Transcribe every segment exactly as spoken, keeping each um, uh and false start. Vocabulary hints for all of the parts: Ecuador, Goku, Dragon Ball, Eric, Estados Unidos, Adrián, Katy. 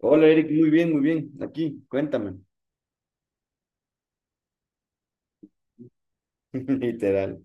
Hola Eric, muy bien, muy bien. Aquí, cuéntame. Literal.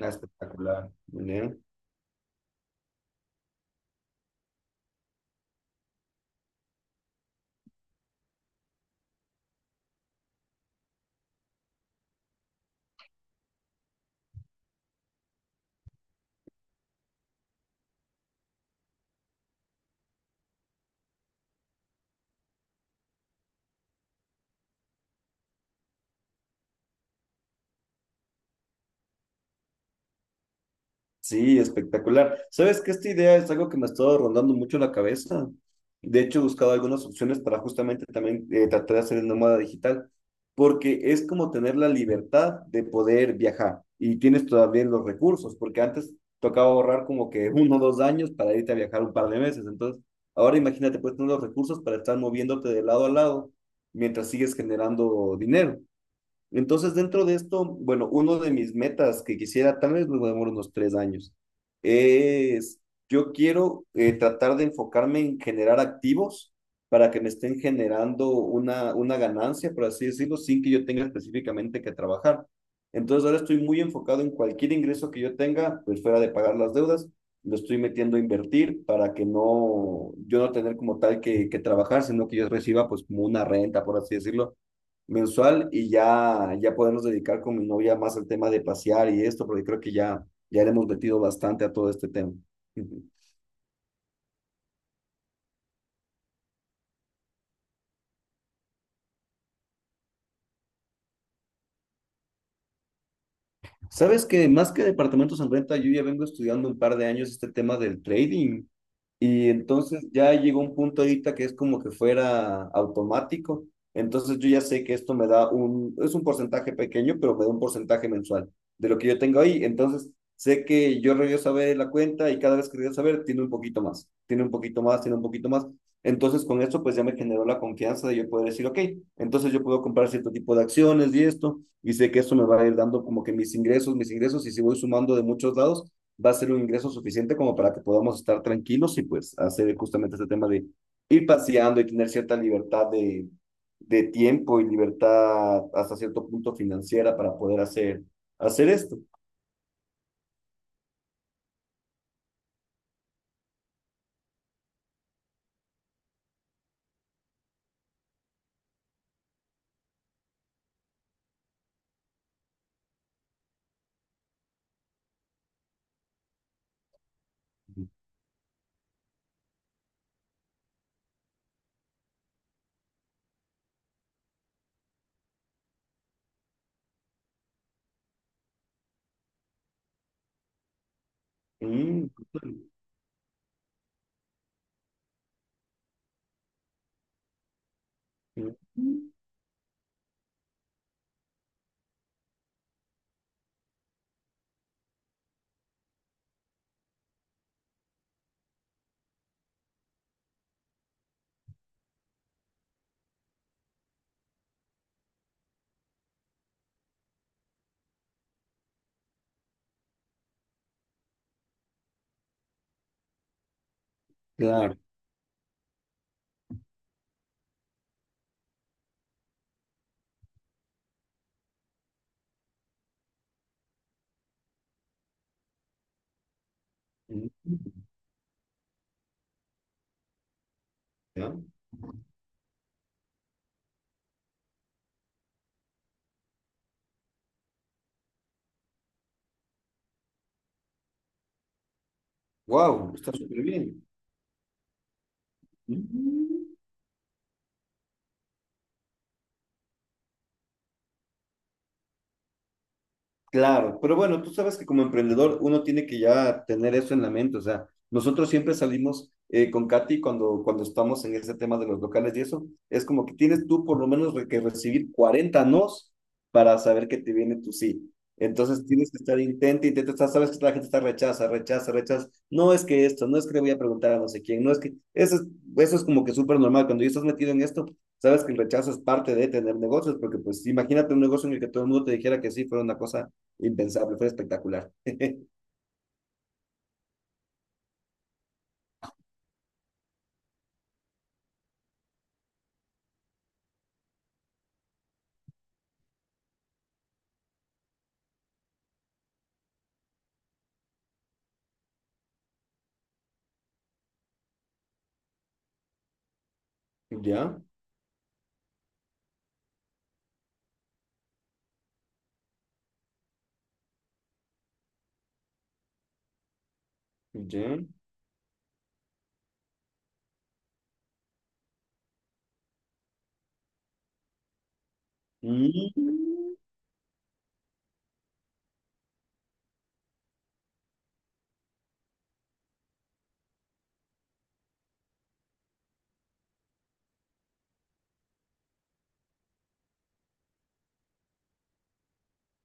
Ah, espectacular, ¿no? Sí, espectacular. ¿Sabes que esta idea es algo que me ha estado rondando mucho la cabeza? De hecho, he buscado algunas opciones para justamente también eh, tratar de hacer el nómada digital, porque es como tener la libertad de poder viajar y tienes todavía los recursos, porque antes tocaba ahorrar como que uno o dos años para irte a viajar un par de meses. Entonces, ahora imagínate, puedes tener los recursos para estar moviéndote de lado a lado mientras sigues generando dinero. Entonces, dentro de esto, bueno, uno de mis metas que quisiera, tal vez me demoro unos tres años, es yo quiero eh, tratar de enfocarme en generar activos para que me estén generando una, una ganancia, por así decirlo, sin que yo tenga específicamente que trabajar. Entonces, ahora estoy muy enfocado en cualquier ingreso que yo tenga, pues fuera de pagar las deudas, lo estoy metiendo a invertir para que no, yo no tener como tal que, que trabajar, sino que yo reciba pues como una renta, por así decirlo, mensual y ya, ya podernos dedicar con mi novia más al tema de pasear y esto, porque creo que ya, ya le hemos metido bastante a todo este tema. Sabes que más que departamentos en renta, yo ya vengo estudiando un par de años este tema del trading. Y entonces ya llegó un punto ahorita que es como que fuera automático. Entonces yo ya sé que esto me da un, es un porcentaje pequeño, pero me da un porcentaje mensual de lo que yo tengo ahí. Entonces sé que yo regreso a ver la cuenta y cada vez que regreso a ver, tiene un poquito más, tiene un poquito más, tiene un poquito más. Entonces con esto pues ya me generó la confianza de yo poder decir, ok, entonces yo puedo comprar cierto tipo de acciones y esto y sé que eso me va a ir dando como que mis ingresos, mis ingresos, y si voy sumando de muchos lados, va a ser un ingreso suficiente como para que podamos estar tranquilos y pues hacer justamente este tema de ir paseando y tener cierta libertad de, de tiempo y libertad hasta cierto punto financiera para poder hacer, hacer esto. Mm. Mm. Claro. Wow, está súper bien. Mm. Claro, pero bueno, tú sabes que como emprendedor uno tiene que ya tener eso en la mente, o sea, nosotros siempre salimos eh, con Katy cuando, cuando estamos en ese tema de los locales y eso, es como que tienes tú por lo menos re- que recibir cuarenta nos para saber que te viene tu sí. Entonces tienes que estar intenta, intenta, estás- sabes que la gente está rechaza, rechaza, rechaza, no es que esto, no es que le voy a preguntar a no sé quién, no es que, eso es, eso es como que súper normal, cuando ya estás metido en esto, sabes que el rechazo es parte de tener negocios, porque pues imagínate un negocio en el que todo el mundo te dijera que sí, fuera una cosa impensable, fue espectacular. Ya, ya. Mm,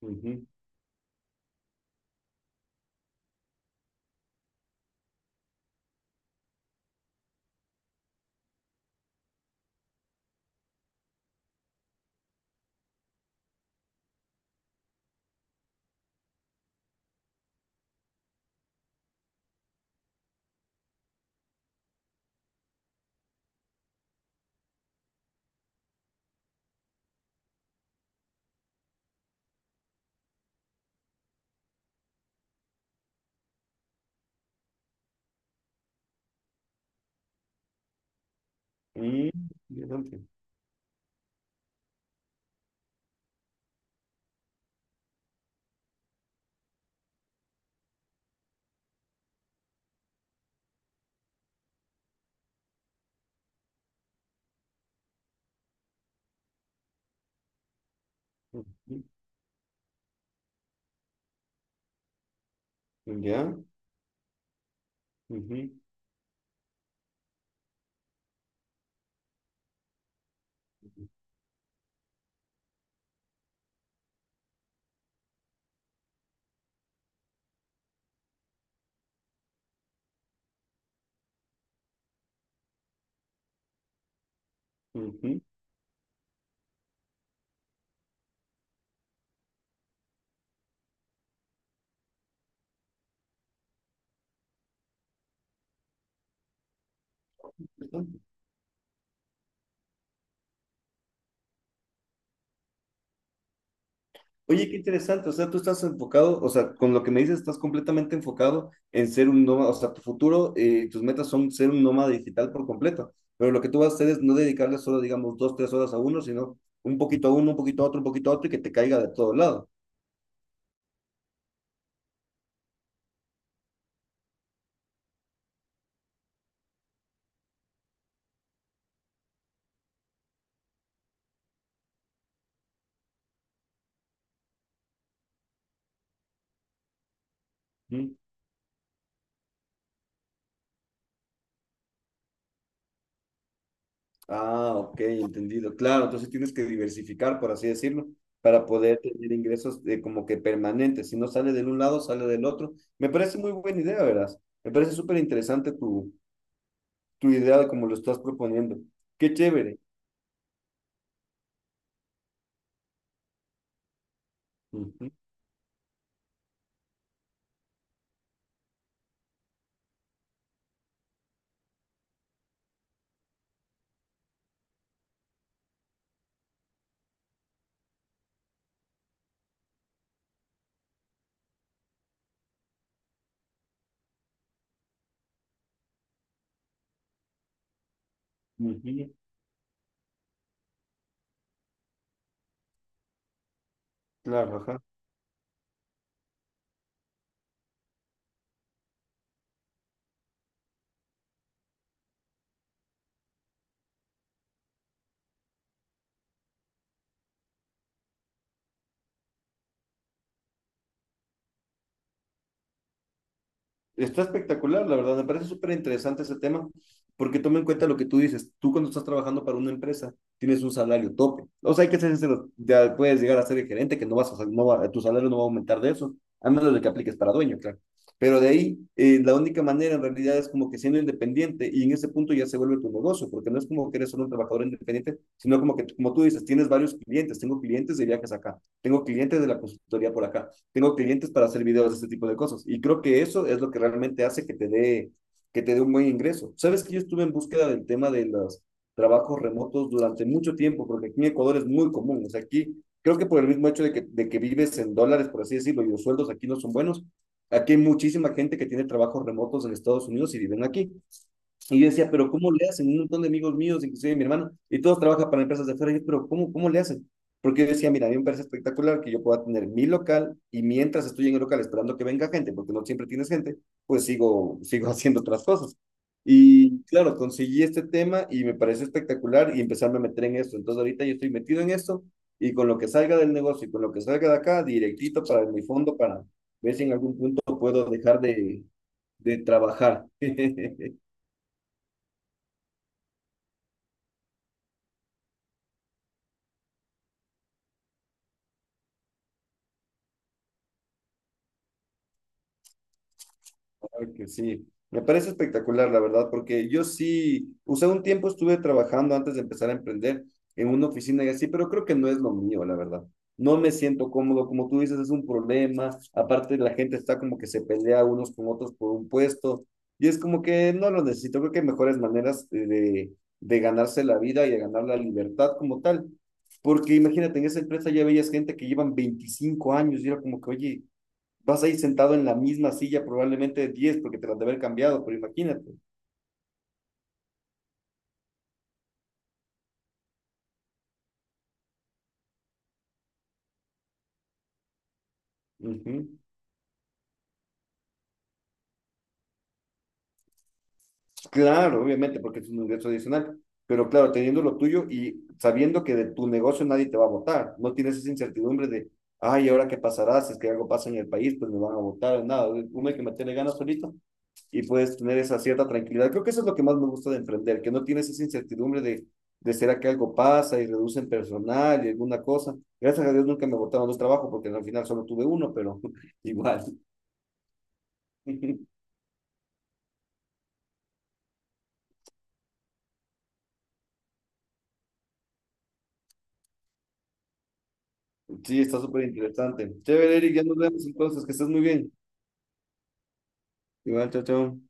ujú, mm, interesante. Ujú. Ya. Ujú, ujú, interesante. Oye, qué interesante. O sea, tú estás enfocado, o sea, con lo que me dices, estás completamente enfocado en ser un nómada. O sea, tu futuro, eh, tus metas son ser un nómada digital por completo. Pero lo que tú vas a hacer es no dedicarle solo, digamos, dos, tres horas a uno, sino un poquito a uno, un poquito a otro, un poquito a otro y que te caiga de todo lado. Ah, ok, entendido. Claro, entonces tienes que diversificar, por así decirlo, para poder tener ingresos eh, como que permanentes. Si no sale de un lado, sale del otro. Me parece muy buena idea, verás. Me parece súper interesante tu, tu idea de cómo lo estás proponiendo. Qué chévere. Ujú, ujú. Claro, ajá. Está espectacular, la verdad. Me parece súper interesante ese tema, porque toma en cuenta lo que tú dices. Tú cuando estás trabajando para una empresa, tienes un salario tope. O sea, hay que ser sincero, ya puedes llegar a ser el gerente, que no vas a, no va- tu salario no va a aumentar de eso, a menos de que apliques para dueño, claro. Pero de ahí, eh, la única manera en realidad es como que siendo independiente, y en ese punto ya se vuelve tu negocio, porque no es como que eres solo un trabajador independiente, sino como que, como tú dices, tienes varios clientes. Tengo clientes de viajes acá, tengo clientes de la consultoría por acá, tengo clientes para hacer videos de este tipo de cosas. Y creo que eso es lo que realmente hace que te dé, que te dé un buen ingreso. Sabes que yo estuve en búsqueda del tema de los trabajos remotos durante mucho tiempo, porque aquí en Ecuador es muy común. O sea, aquí creo que por el mismo hecho de que, de que vives en dólares, por así decirlo, y los sueldos aquí no son buenos, aquí hay muchísima gente que tiene trabajos remotos en Estados Unidos y viven aquí. Y yo decía, pero ¿cómo le hacen? Un montón de amigos míos, inclusive mi hermano, y todos trabajan para empresas de afuera. Y yo, pero ¿cómo, cómo le hacen? Porque yo decía, mira, a mí me parece espectacular que yo pueda tener mi local y mientras estoy en el local esperando que venga gente, porque no siempre tienes gente, pues sigo, sigo haciendo otras cosas. Y claro, conseguí este tema y me parece espectacular y empezarme a meter en esto. Entonces ahorita yo estoy metido en esto y con lo que salga del negocio y con lo que salga de acá, directito para mi fondo para ver si en algún punto puedo dejar de, de trabajar. Claro que sí. Me parece espectacular, la verdad, porque yo sí, o sea, un tiempo estuve trabajando antes de empezar a emprender en una oficina y así, pero creo que no es lo mío, la verdad. No me siento cómodo, como tú dices, es un problema. Aparte, la gente está como que se pelea unos con otros por un puesto y es como que no lo necesito. Creo que hay mejores maneras eh, de, de ganarse la vida y de ganar la libertad como tal. Porque imagínate, en esa empresa ya veías gente que llevan veinticinco años y era como que, oye, vas a ir sentado en la misma silla probablemente diez porque te la de haber cambiado, pero imagínate. Ujú. Claro, obviamente, porque es un ingreso adicional, pero claro, teniendo lo tuyo y sabiendo que de tu negocio nadie te va a votar, no tienes esa incertidumbre de, ay, ¿ahora qué pasará? Si es que algo pasa en el país, pues me van a votar o nada. Uno hay que meterle ganas solito y puedes tener esa cierta tranquilidad. Creo que eso es lo que más me gusta de emprender, que no tienes esa incertidumbre de, de será que algo pasa y reducen personal y alguna cosa. Gracias a Dios nunca me botaron dos trabajos porque al final solo tuve uno, pero igual. Sí, está súper interesante. Chévere, Eric, ya nos vemos entonces, que estés muy bien. Igual, chao, chao.